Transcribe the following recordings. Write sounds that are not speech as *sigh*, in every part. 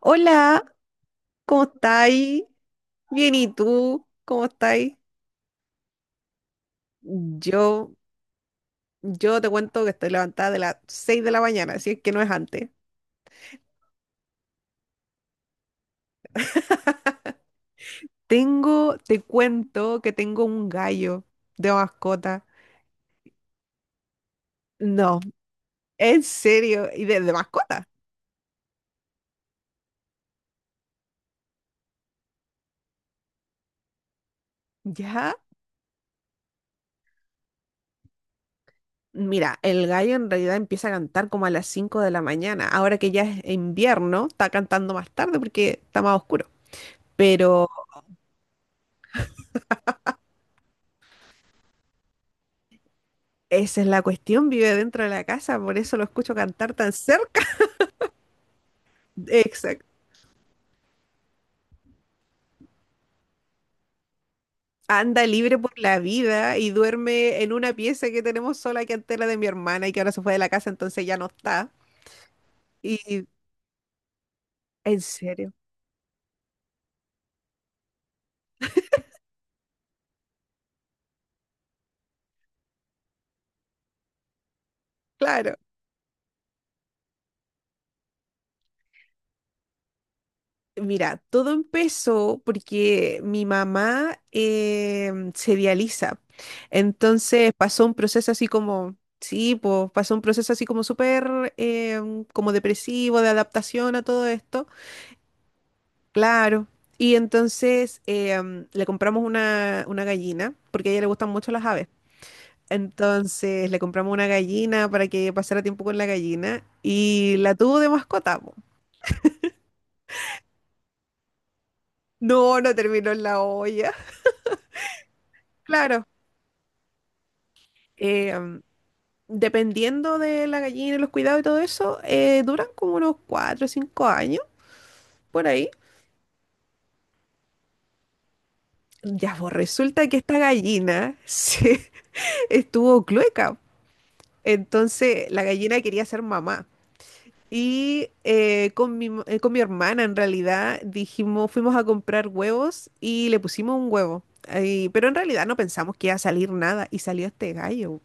Hola, ¿cómo estáis? Bien, ¿y tú? ¿Cómo estáis? Yo, yo te cuento que estoy levantada de las 6 de la mañana, si es que no es antes. Te cuento que tengo un gallo de mascota. No, en serio, y de mascota. Ya, mira, el gallo en realidad empieza a cantar como a las 5 de la mañana. Ahora que ya es invierno, está cantando más tarde porque está más oscuro. Pero esa es la cuestión, vive dentro de la casa, por eso lo escucho cantar tan cerca. Exacto. Anda libre por la vida y duerme en una pieza que tenemos sola que antes era de mi hermana y que ahora se fue de la casa, entonces ya no está. Y en serio, claro. Mira, todo empezó porque mi mamá se dializa. Entonces pasó un proceso así como, sí, pues pasó un proceso así como súper como depresivo, de adaptación a todo esto. Claro. Y entonces le compramos una gallina, porque a ella le gustan mucho las aves. Entonces le compramos una gallina para que pasara tiempo con la gallina y la tuvo de mascota. Po. No, no terminó en la olla. *laughs* Claro. eh, am, dependiendo de la gallina y los cuidados y todo eso, duran como unos 4 o 5 años por ahí. Ya, pues resulta que esta gallina *laughs* se estuvo clueca. Entonces la gallina quería ser mamá. Y con mi hermana, en realidad, dijimos, fuimos a comprar huevos y le pusimos un huevo. Ahí, pero en realidad no pensamos que iba a salir nada y salió este gallo.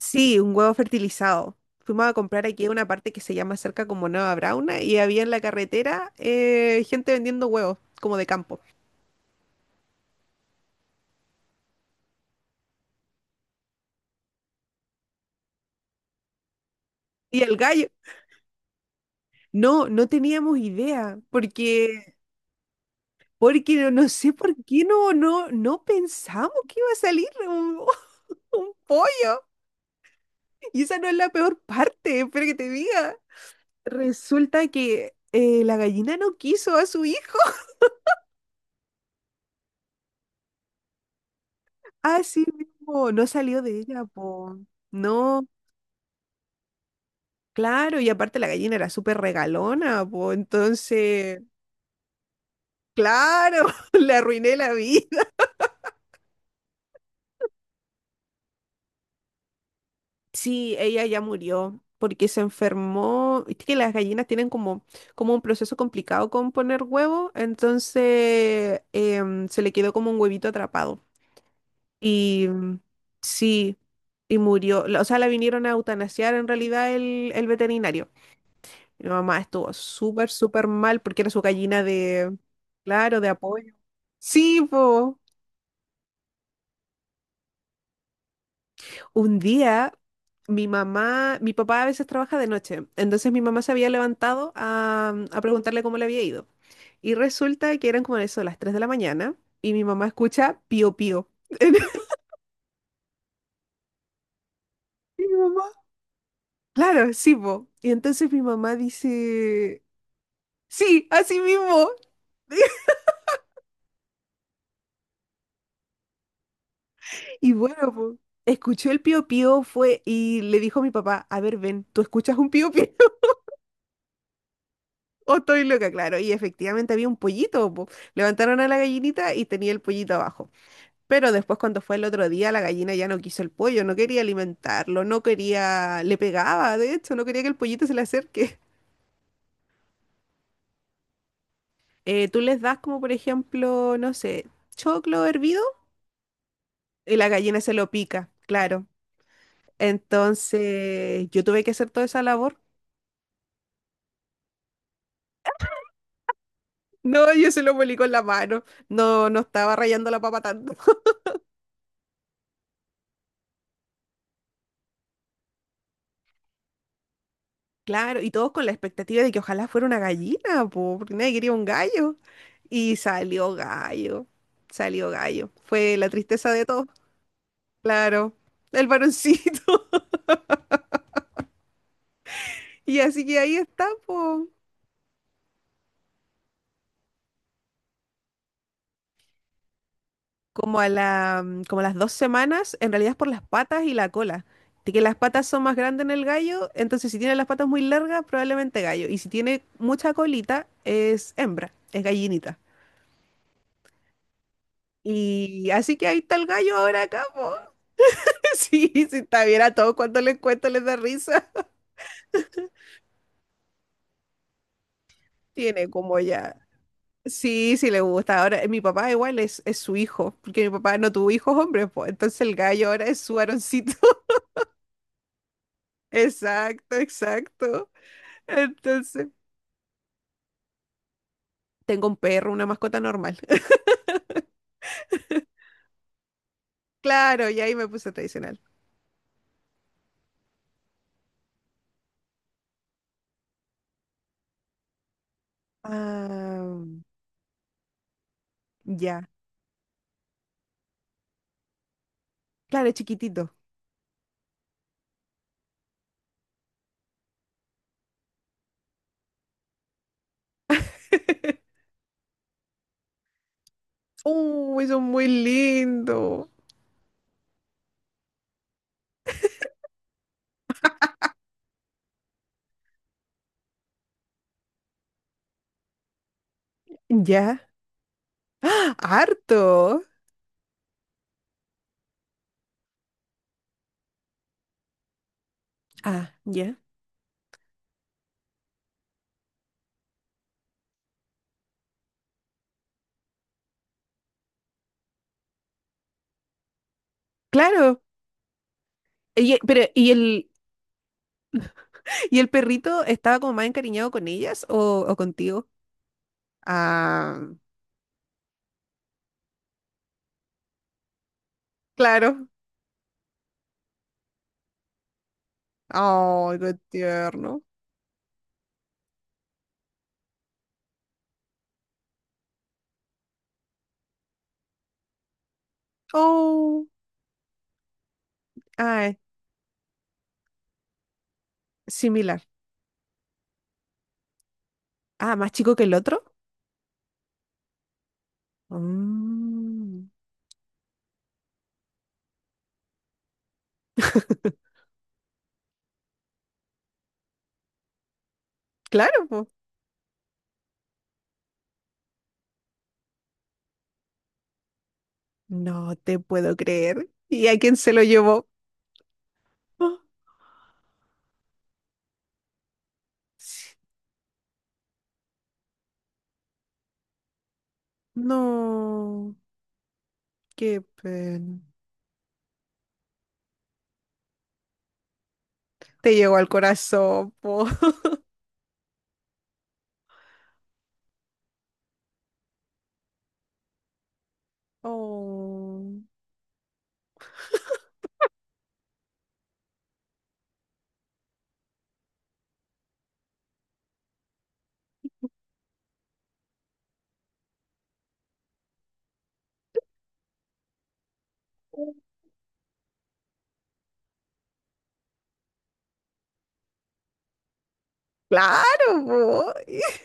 Sí, un huevo fertilizado. Fuimos a comprar aquí a una parte que se llama cerca como Nueva Brauna y había en la carretera gente vendiendo huevos, como de campo. Y el gallo, no, no teníamos idea, porque, porque no, no sé por qué no, no, no pensamos que iba a salir un, *laughs* un pollo. Y esa no es la peor parte, espera que te diga. Resulta que la gallina no quiso a su hijo. Así mismo, no salió de ella, po. No, claro, y aparte la gallina era súper regalona, po. Entonces, claro, *laughs* le arruiné la vida. Sí, ella ya murió porque se enfermó. Viste que las gallinas tienen como, como un proceso complicado con poner huevo, entonces se le quedó como un huevito atrapado. Y sí, y murió. O sea, la vinieron a eutanasiar en realidad el veterinario. Mi mamá estuvo súper, súper mal porque era su gallina de, claro, de apoyo. Sí, po. Un día, mi mamá, mi papá a veces trabaja de noche, entonces mi mamá se había levantado a preguntarle cómo le había ido. Y resulta que eran como eso, las 3 de la mañana, y mi mamá escucha pío pío. *laughs* Y mi mamá, claro, sí, po. Y entonces mi mamá dice, sí, así mismo. Y bueno, po, escuchó el pío pío fue y le dijo a mi papá, a ver, ven, ¿tú escuchas un pío pío? *laughs* O estoy loca, claro. Y efectivamente había un pollito, po. Levantaron a la gallinita y tenía el pollito abajo. Pero después cuando fue el otro día, la gallina ya no quiso el pollo, no quería alimentarlo, no quería, le pegaba, de hecho, no quería que el pollito se le acerque. Tú les das como, por ejemplo, no sé, choclo hervido y la gallina se lo pica, claro. Entonces, yo tuve que hacer toda esa labor. No, yo se lo molí con la mano. No, no estaba rayando la papa tanto. *laughs* Claro, y todos con la expectativa de que ojalá fuera una gallina, po, porque nadie quería un gallo. Y salió gallo, salió gallo. Fue la tristeza de todos, claro, el varoncito. *laughs* Y así que ahí está, po. Como a las 2 semanas, en realidad es por las patas y la cola. De que las patas son más grandes en el gallo, entonces si tiene las patas muy largas, probablemente gallo. Y si tiene mucha colita, es hembra, es gallinita. Y así que ahí está el gallo ahora acá, po. *laughs* Sí, si está bien a todos cuando les cuento les da risa. Tiene como ya. Sí, sí le gusta. Ahora, mi papá igual es su hijo, porque mi papá no tuvo hijos hombres, pues. Entonces el gallo ahora es su varoncito. *laughs* Exacto, exacto. Entonces, tengo un perro, una mascota normal. *laughs* Claro, y ahí me puse tradicional. Ah, ya. Claro, chiquitito. *laughs* Uy, son muy lindos. Ya. Harto. Ah, ya. Claro. Pero, ¿y el perrito estaba como más encariñado con ellas o contigo? Ah, claro. Oh, qué tierno. Oh, ah, similar. Ah, más chico que el otro. Mm, *laughs* claro, po. No te puedo creer. ¿Y a quién se lo llevó? Ah, sí. No, qué pena. Te llegó al corazón, po. *laughs* Oh. Claro, po. *laughs*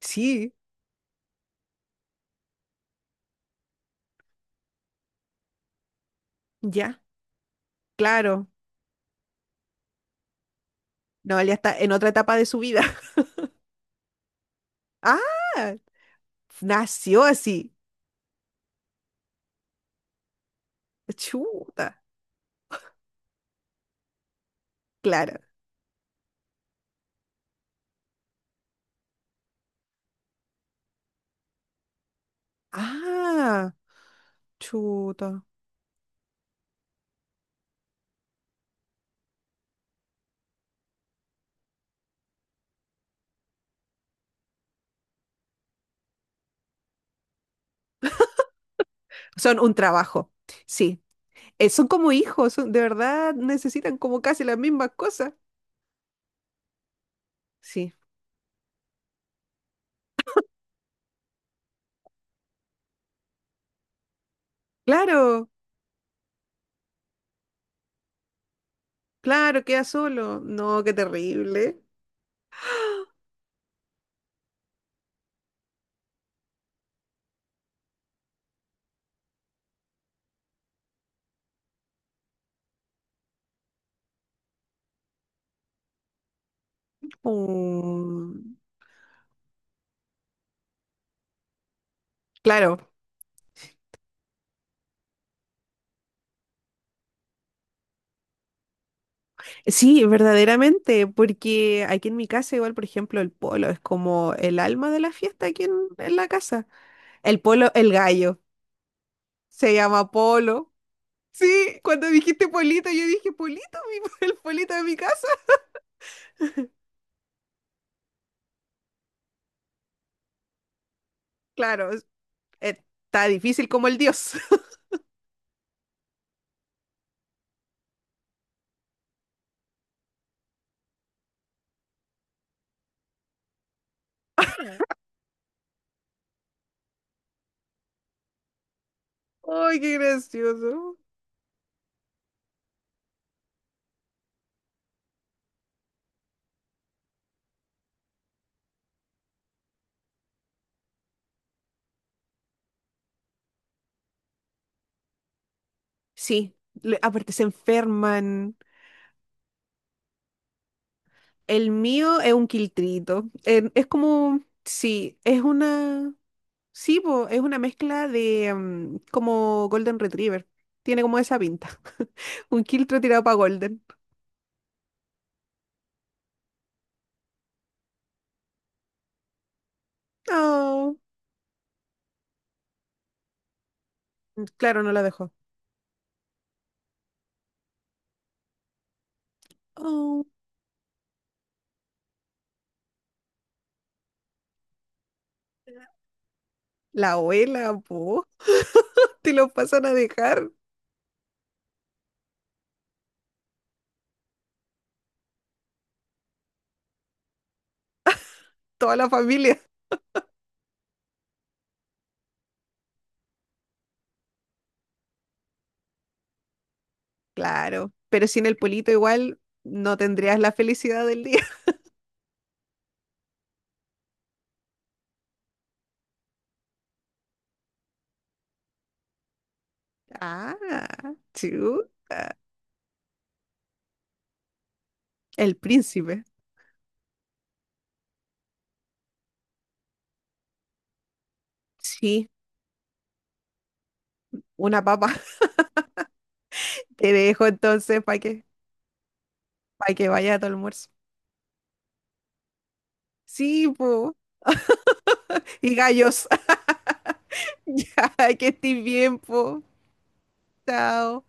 Sí, ya, claro. No, él ya está en otra etapa de su vida. *laughs* Ah, nació así. Chuta, claro. Ah, chuta. Son un trabajo. Sí, son como hijos, de verdad necesitan como casi las mismas cosas. Sí, claro, claro, queda solo. No, qué terrible. Mm, claro. Sí, verdaderamente, porque aquí en mi casa igual, por ejemplo, el polo es como el alma de la fiesta aquí en la casa. El polo, el gallo, se llama polo. Sí, cuando dijiste polito, yo dije polito, *laughs* el polito de mi casa. Claro, es- Está difícil como el dios. *laughs* Ay, qué gracioso. Sí, aparte se enferman. El mío es un quiltrito. Es como, sí, es una... Sí, po, es una mezcla de como Golden Retriever. Tiene como esa pinta. *laughs* Un Kiltro tirado para Golden. Oh, mm, claro, no la dejó. Oh, la abuela, po. *laughs* Te lo pasan a dejar toda la familia. *laughs* Claro, pero sin el polito igual no tendrías la felicidad del día. *laughs* Ah, chu, el príncipe. Sí, una papa. *laughs* Te dejo entonces para que vaya a tu almuerzo. Sí, po. Y gallos. *laughs* Ya, que estés bien, po. Chao.